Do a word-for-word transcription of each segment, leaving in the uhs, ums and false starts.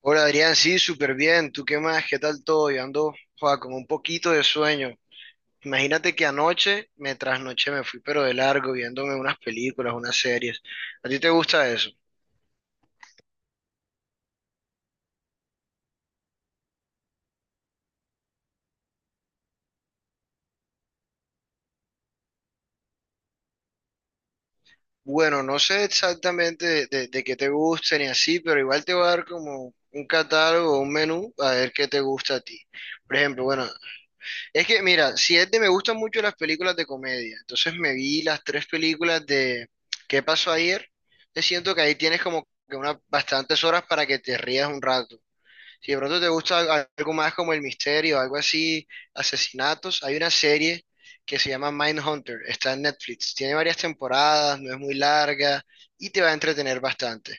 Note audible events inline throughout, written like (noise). Hola Adrián, sí, súper bien. ¿Tú qué más? ¿Qué tal todo? Yo ando, joa, con un poquito de sueño. Imagínate que anoche me trasnoché, me fui pero de largo viéndome unas películas, unas series. ¿A ti te gusta eso? Bueno, no sé exactamente de, de- de qué te gusten y así, pero igual te voy a dar como un catálogo, un menú, a ver qué te gusta a ti. Por ejemplo, bueno, es que mira, si es de, me gustan mucho las películas de comedia, entonces me vi las tres películas de ¿Qué pasó ayer? Te siento que ahí tienes como que unas bastantes horas para que te rías un rato. Si de pronto te gusta al- algo más como el misterio, algo así, asesinatos, hay una serie que se llama Mindhunter, está en Netflix, tiene varias temporadas, no es muy larga y te va a entretener bastante.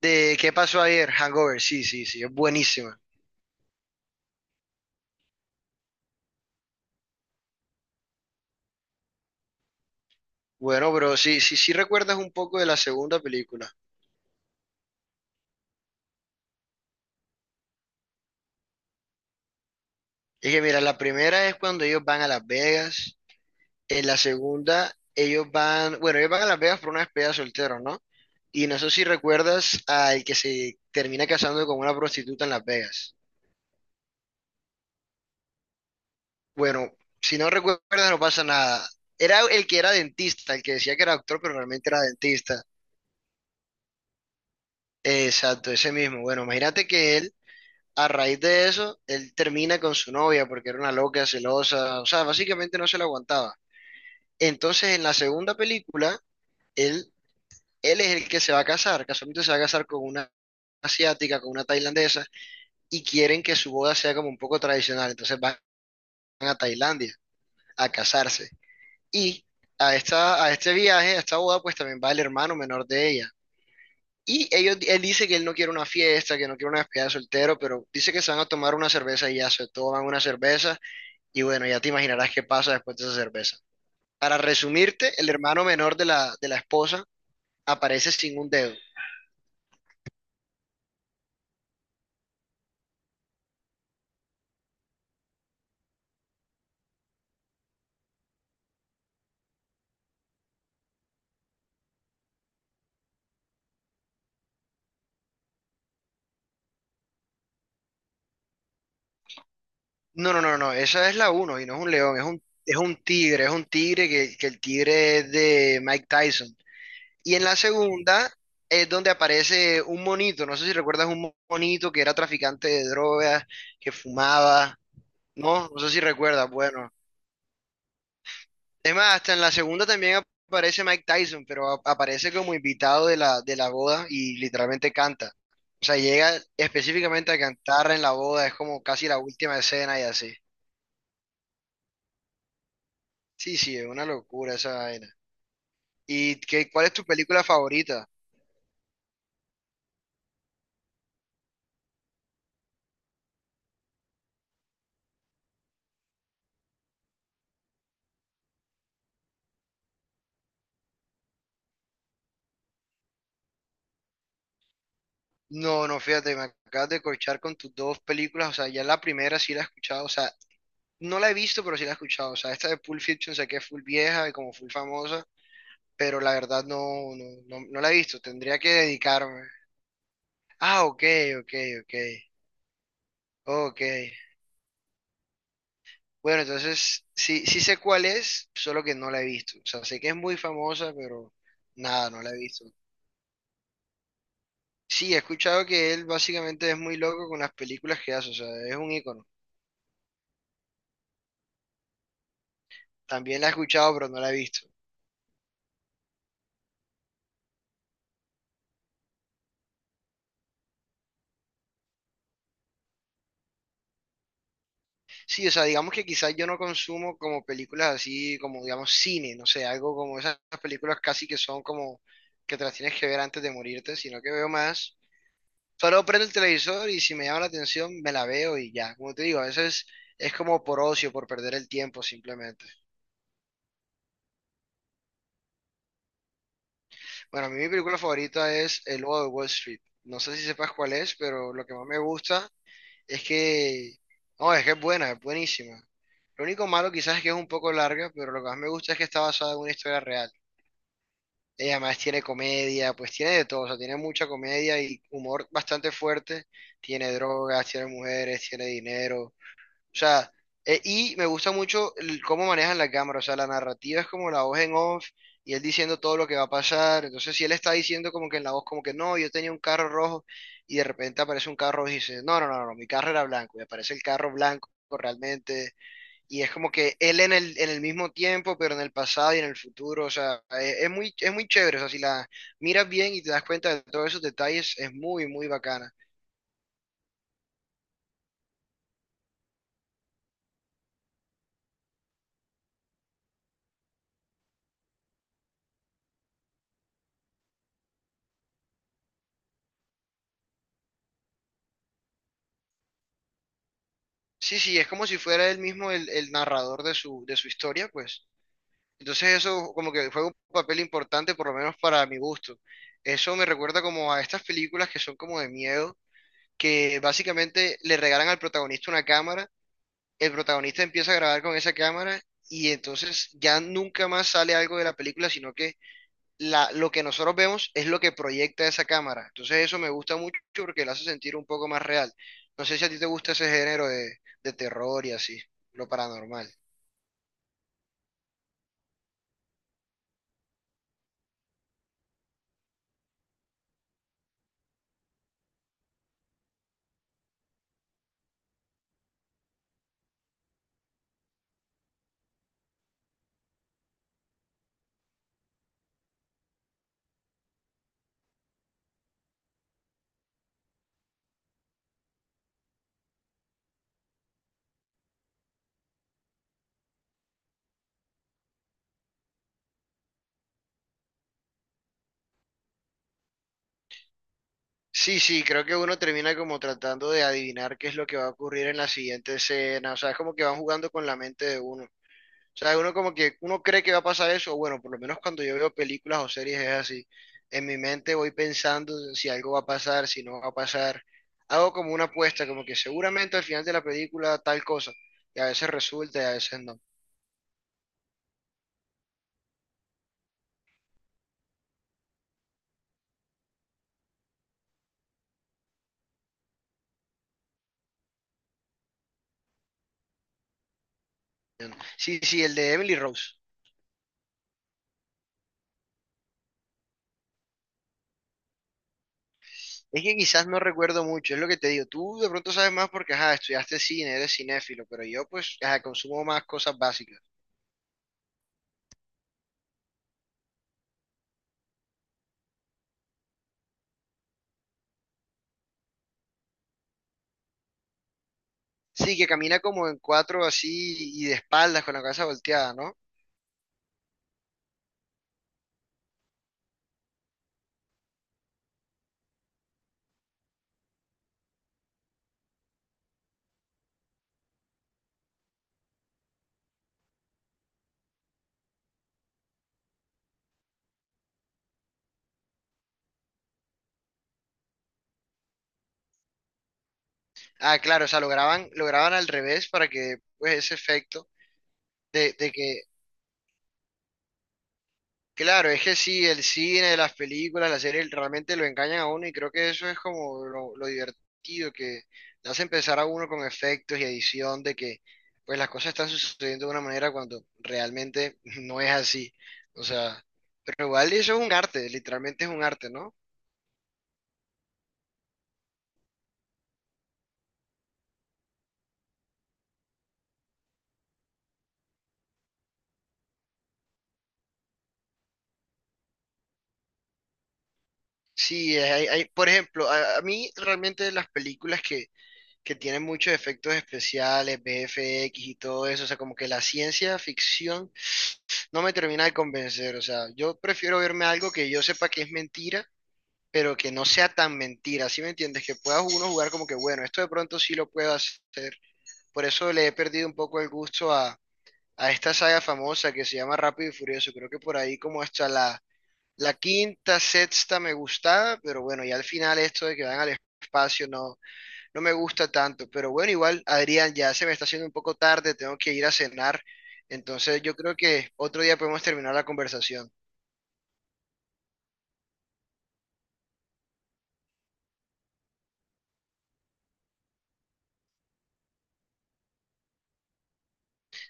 ¿De qué pasó ayer? Hangover, sí, sí, sí, es buenísima. Bueno, bro, sí, sí, sí recuerdas un poco de la segunda película. Es que mira, la primera es cuando ellos van a Las Vegas, en la segunda ellos van, bueno, ellos van a Las Vegas por una despedida de soltero, ¿no? Y no sé si recuerdas al que se termina casando con una prostituta en Las Vegas. Bueno, si no recuerdas no pasa nada. Era el que era dentista, el que decía que era doctor, pero realmente era dentista. Exacto, ese mismo. Bueno, imagínate que él, a raíz de eso, él termina con su novia porque era una loca, celosa, o sea, básicamente no se la aguantaba. Entonces, en la segunda película, él él es el que se va a casar, casualmente se va a casar con una asiática, con una tailandesa, y quieren que su boda sea como un poco tradicional, entonces van a Tailandia a casarse. Y a esta, a este viaje, a esta boda, pues también va el hermano menor de ella. Y ellos, él dice que él no quiere una fiesta, que no quiere una despedida de soltero, pero dice que se van a tomar una cerveza y ya se toman una cerveza y bueno, ya te imaginarás qué pasa después de esa cerveza. Para resumirte, el hermano menor de la, de la esposa aparece sin un dedo. No, no, no, no, no, esa es la uno y no es un león, es un, es un tigre, es un tigre que, que el tigre es de Mike Tyson. Y en la segunda es donde aparece un monito, no sé si recuerdas un mo- monito que era traficante de drogas, que fumaba, no, no sé si recuerdas, bueno. Es más, hasta en la segunda también aparece Mike Tyson, pero a- aparece como invitado de la, de la boda y literalmente canta. O sea, llega específicamente a cantar en la boda, es como casi la última escena y así. Sí, sí, es una locura esa vaina. ¿Y qué, cuál es tu película favorita? No, no, fíjate, me acabas de corchar con tus dos películas, o sea, ya la primera sí la he escuchado, o sea, no la he visto, pero sí la he escuchado, o sea, esta de Pulp Fiction sé que es full vieja y como full famosa, pero la verdad no, no, no, no la he visto, tendría que dedicarme. Ah, ok, ok, ok, ok. Bueno, entonces sí, sí sé cuál es, solo que no la he visto, o sea, sé que es muy famosa, pero nada, no la he visto. Sí, he escuchado que él básicamente es muy loco con las películas que hace, o sea, es un ícono. También la he escuchado, pero no la he visto. Sí, o sea, digamos que quizás yo no consumo como películas así, como digamos cine, no sé, algo como esas películas casi que son como que te las tienes que ver antes de morirte, sino que veo más. Solo prendo el televisor y si me llama la atención me la veo y ya. Como te digo, a veces es como por ocio, por perder el tiempo simplemente. Bueno, a mí mi película favorita es El Lobo de Wall Street. No sé si sepas cuál es, pero lo que más me gusta. Es que no, es que es buena, es buenísima. Lo único malo quizás es que es un poco larga, pero lo que más me gusta es que está basada en una historia real. Ella además tiene comedia, pues tiene de todo, o sea, tiene mucha comedia y humor bastante fuerte. Tiene drogas, tiene mujeres, tiene dinero. O sea, eh, y me gusta mucho el- cómo manejan la cámara, o sea, la narrativa es como la voz en off y él diciendo todo lo que va a pasar. Entonces, si él está diciendo como que en la voz, como que no, yo tenía un carro rojo y de repente aparece un carro rojo y dice, no, no, no, no, mi carro era blanco y aparece el carro blanco realmente. Y es como que él en el, en el mismo tiempo, pero en el pasado y en el futuro, o sea, eh, es muy, es muy chévere, o sea, si la miras bien y te das cuenta de todos esos detalles, es muy, muy bacana. Sí, sí, es como si fuera él mismo el, el narrador de su, de su historia, pues. Entonces eso como que fue un papel importante, por lo menos para mi gusto. Eso me recuerda como a estas películas que son como de miedo, que básicamente le regalan al protagonista una cámara, el protagonista empieza a grabar con esa cámara y entonces ya nunca más sale algo de la película, sino que la, lo que nosotros vemos es lo que proyecta esa cámara. Entonces eso me gusta mucho porque la hace sentir un poco más real. No sé si a ti te gusta ese género de, de terror y así, lo paranormal. Sí, sí, creo que uno termina como tratando de adivinar qué es lo que va a ocurrir en la siguiente escena, o sea, es como que van jugando con la mente de uno. O sea, uno como que uno cree que va a pasar eso, o bueno, por lo menos cuando yo veo películas o series es así. En mi mente voy pensando si algo va a pasar, si no va a pasar. Hago como una apuesta, como que seguramente al final de la película tal cosa, y a veces resulta y a veces no. Sí, sí, el de Emily Rose. Es que quizás no recuerdo mucho, es lo que te digo. Tú de pronto sabes más porque, ajá, estudiaste cine, eres cinéfilo, pero yo pues, ajá, consumo más cosas básicas. Sí, que camina como en cuatro así y de espaldas con la cabeza volteada, ¿no? Ah, claro, o sea, lo graban, lo graban al revés para que, pues, ese efecto de, de que. Claro, es que sí, el cine, las películas, las series realmente lo engañan a uno y creo que eso es como lo, lo divertido, que le hace empezar a uno con efectos y edición, de que pues las cosas están sucediendo de una manera cuando realmente (laughs) no es así. O sea, pero igual eso es un arte, literalmente es un arte, ¿no? Sí, hay, hay- por ejemplo, a, a mí realmente las películas que, que tienen muchos efectos especiales, V F X y todo eso, o sea, como que la ciencia ficción no me termina de convencer. O sea, yo prefiero verme algo que yo sepa que es mentira, pero que no sea tan mentira. ¿Sí me entiendes? Que pueda uno jugar como que, bueno, esto de pronto sí lo puedo hacer. Por eso le he perdido un poco el gusto a, a esta saga famosa que se llama Rápido y Furioso. Creo que por ahí como hasta la, la quinta, sexta me gustaba, pero bueno, ya al final esto de que van al espacio no, no me gusta tanto. Pero bueno, igual, Adrián, ya se me está haciendo un poco tarde, tengo que ir a cenar. Entonces yo creo que otro día podemos terminar la conversación.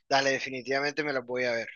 Dale, definitivamente me las voy a ver.